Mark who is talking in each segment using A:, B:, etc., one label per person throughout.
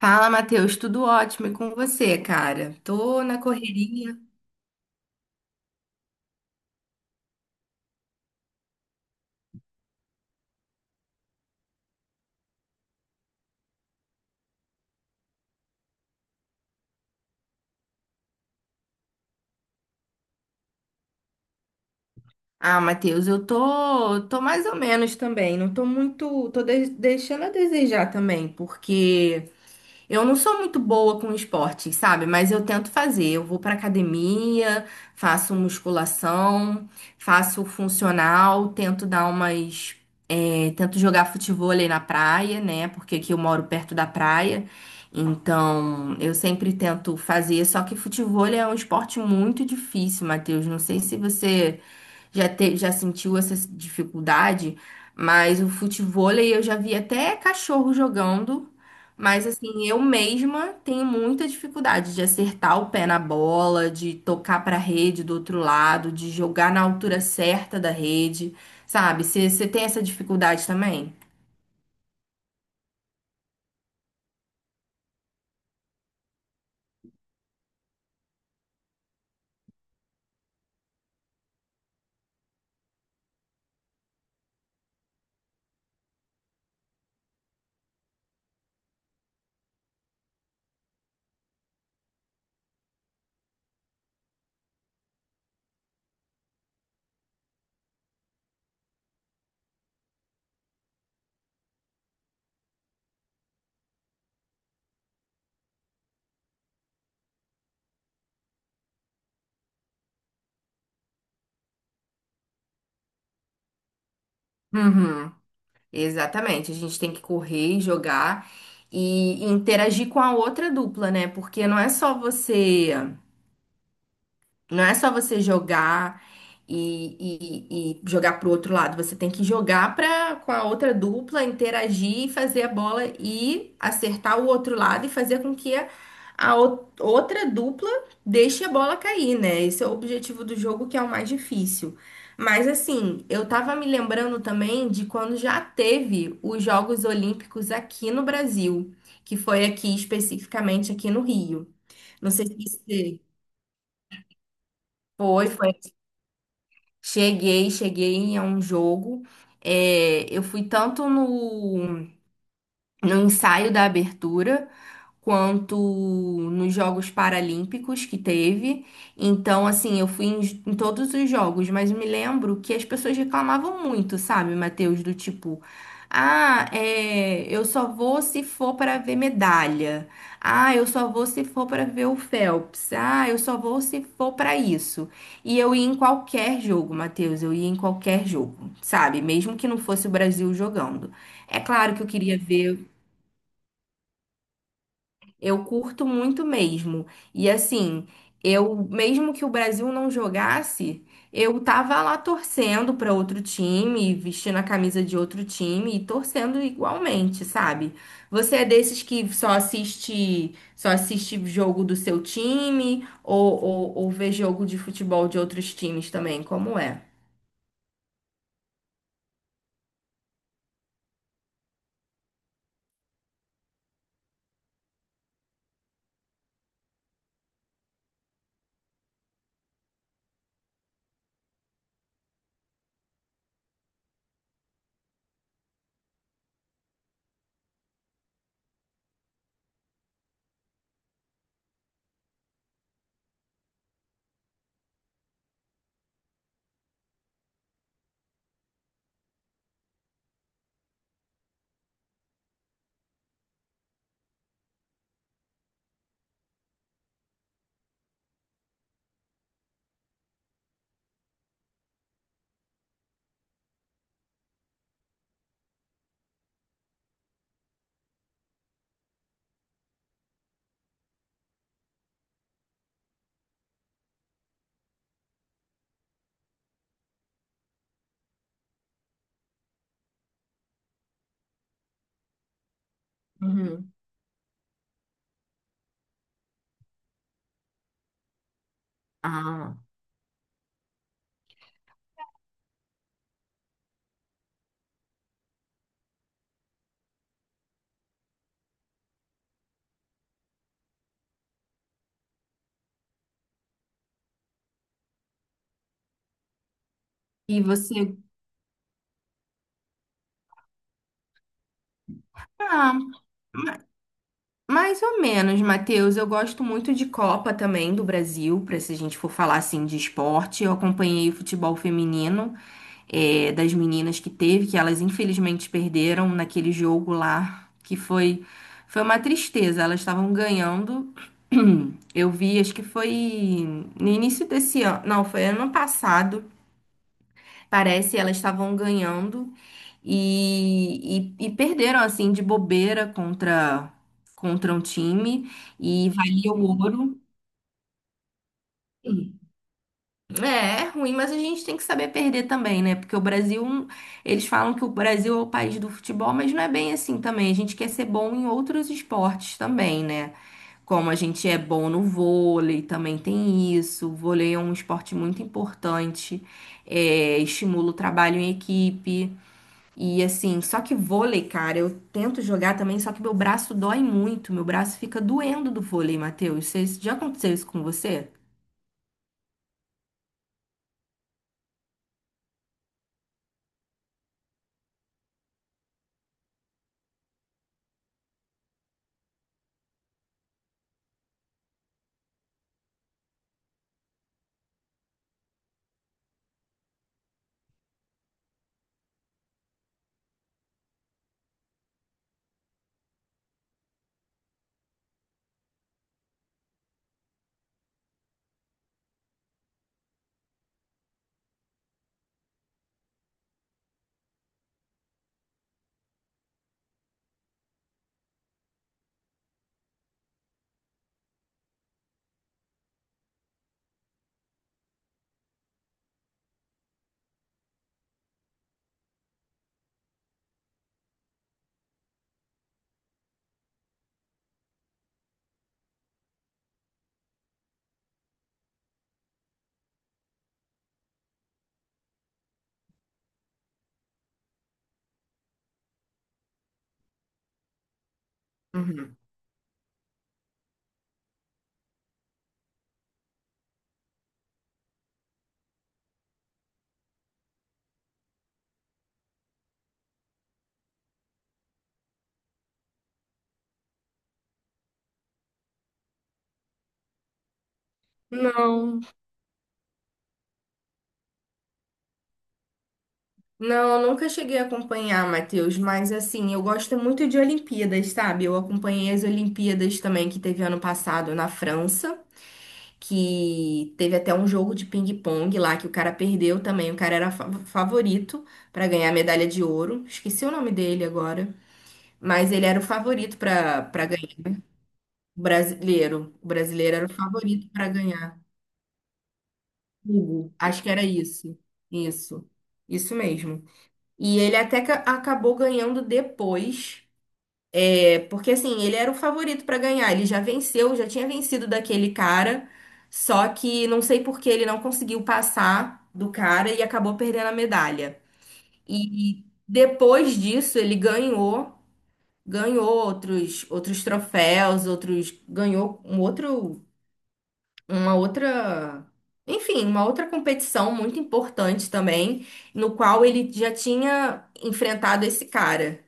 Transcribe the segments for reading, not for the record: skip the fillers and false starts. A: Fala, Matheus, tudo ótimo e com você, cara? Tô na correria. Ah, Matheus, eu tô mais ou menos também. Não tô muito, deixando a desejar também, porque eu não sou muito boa com esporte, sabe? Mas eu tento fazer. Eu vou pra academia, faço musculação, faço funcional, tento dar umas É, tento jogar futevôlei na praia, né? Porque aqui eu moro perto da praia. Então, eu sempre tento fazer. Só que futevôlei é um esporte muito difícil, Matheus. Não sei se você já sentiu essa dificuldade, mas o futevôlei eu já vi até cachorro jogando. Mas, assim, eu mesma tenho muita dificuldade de acertar o pé na bola, de tocar para a rede do outro lado, de jogar na altura certa da rede. Sabe? Você tem essa dificuldade também? Uhum, exatamente. A gente tem que correr, jogar e interagir com a outra dupla, né? Porque não é só você. Não é só você jogar e jogar pro outro lado. Você tem que jogar pra, com a outra dupla, interagir e fazer a bola e acertar o outro lado e fazer com que a, outra dupla deixe a bola cair, né? Esse é o objetivo do jogo, que é o mais difícil. Mas assim, eu tava me lembrando também de quando já teve os Jogos Olímpicos aqui no Brasil, que foi aqui especificamente aqui no Rio. Não sei se você foi. Cheguei a um jogo. É, eu fui tanto no, no ensaio da abertura, quanto nos Jogos Paralímpicos que teve. Então, assim, eu fui em, em todos os jogos, mas me lembro que as pessoas reclamavam muito, sabe, Matheus, do tipo. Ah, é, eu só vou se for para ver medalha. Ah, eu só vou se for para ver o Phelps. Ah, eu só vou se for para isso. E eu ia em qualquer jogo, Matheus, eu ia em qualquer jogo, sabe? Mesmo que não fosse o Brasil jogando. É claro que eu queria ver eu curto muito mesmo. E assim, eu mesmo que o Brasil não jogasse, eu tava lá torcendo para outro time, vestindo a camisa de outro time e torcendo igualmente, sabe? Você é desses que só assiste jogo do seu time ou, ou vê jogo de futebol de outros times também? Como é? Uhum. Ah. E você? Ah. Mais ou menos, Matheus. Eu gosto muito de Copa também do Brasil, para se a gente for falar assim de esporte. Eu acompanhei o futebol feminino, das meninas que teve, que elas infelizmente perderam naquele jogo lá, que foi uma tristeza. Elas estavam ganhando. Eu vi, acho que foi no início desse ano, não, foi ano passado. Parece elas estavam ganhando e, e perderam assim de bobeira contra contra um time e valia o ouro. É, é ruim, mas a gente tem que saber perder também, né? Porque o Brasil, um, eles falam que o Brasil é o país do futebol, mas não é bem assim também. A gente quer ser bom em outros esportes também, né? Como a gente é bom no vôlei, também tem isso. O vôlei é um esporte muito importante, é, estimula o trabalho em equipe. E assim, só que vôlei, cara, eu tento jogar também, só que meu braço dói muito, meu braço fica doendo do vôlei, Matheus. Já aconteceu isso com você? Uhum. Não, não, eu nunca cheguei a acompanhar, Matheus, mas assim, eu gosto muito de Olimpíadas, sabe? Eu acompanhei as Olimpíadas também que teve ano passado na França, que teve até um jogo de ping-pong lá que o cara perdeu também, o cara era favorito pra ganhar a medalha de ouro. Esqueci o nome dele agora, mas ele era o favorito pra para O brasileiro. O brasileiro era o favorito para ganhar. Hugo, acho que era isso. Isso. Isso mesmo. E ele até acabou ganhando depois. É, porque assim, ele era o favorito para ganhar. Ele já venceu, já tinha vencido daquele cara. Só que não sei por que ele não conseguiu passar do cara e acabou perdendo a medalha. E depois disso, ele ganhou. Ganhou outros, outros troféus, outros. Ganhou um outro. Uma outra, enfim, uma outra competição muito importante também, no qual ele já tinha enfrentado esse cara.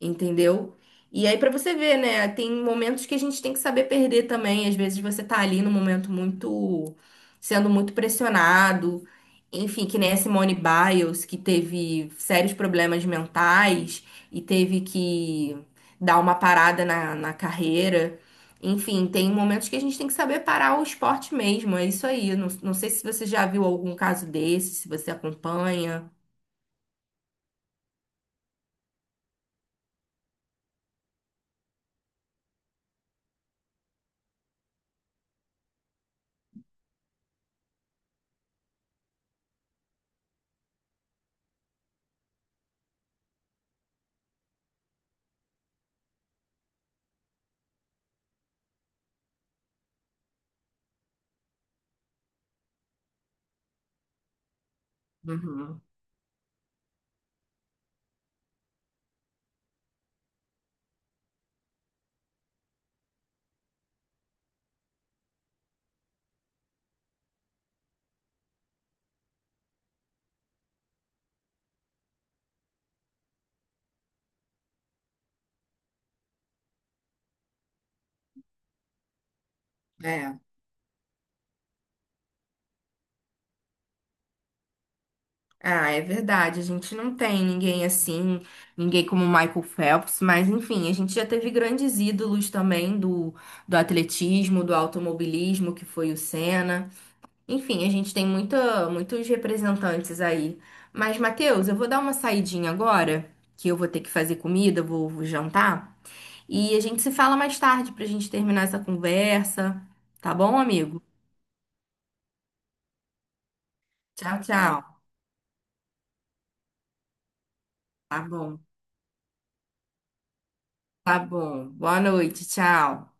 A: Entendeu? E aí, pra você ver, né? Tem momentos que a gente tem que saber perder também. Às vezes você tá ali num momento muito, sendo muito pressionado. Enfim, que nem a Simone Biles, que teve sérios problemas mentais e teve que dar uma parada na, na carreira. Enfim, tem momentos que a gente tem que saber parar o esporte mesmo. É isso aí. Não, não sei se você já viu algum caso desse, se você acompanha. Uhum. É. Ah, é verdade. A gente não tem ninguém assim, ninguém como Michael Phelps, mas enfim, a gente já teve grandes ídolos também do, do atletismo, do automobilismo, que foi o Senna. Enfim, a gente tem muita, muitos representantes aí. Mas, Matheus, eu vou dar uma saidinha agora, que eu vou ter que fazer comida, eu vou jantar. E a gente se fala mais tarde pra gente terminar essa conversa. Tá bom, amigo? Tchau, tchau. Tá bom, tá bom. Boa noite, tchau.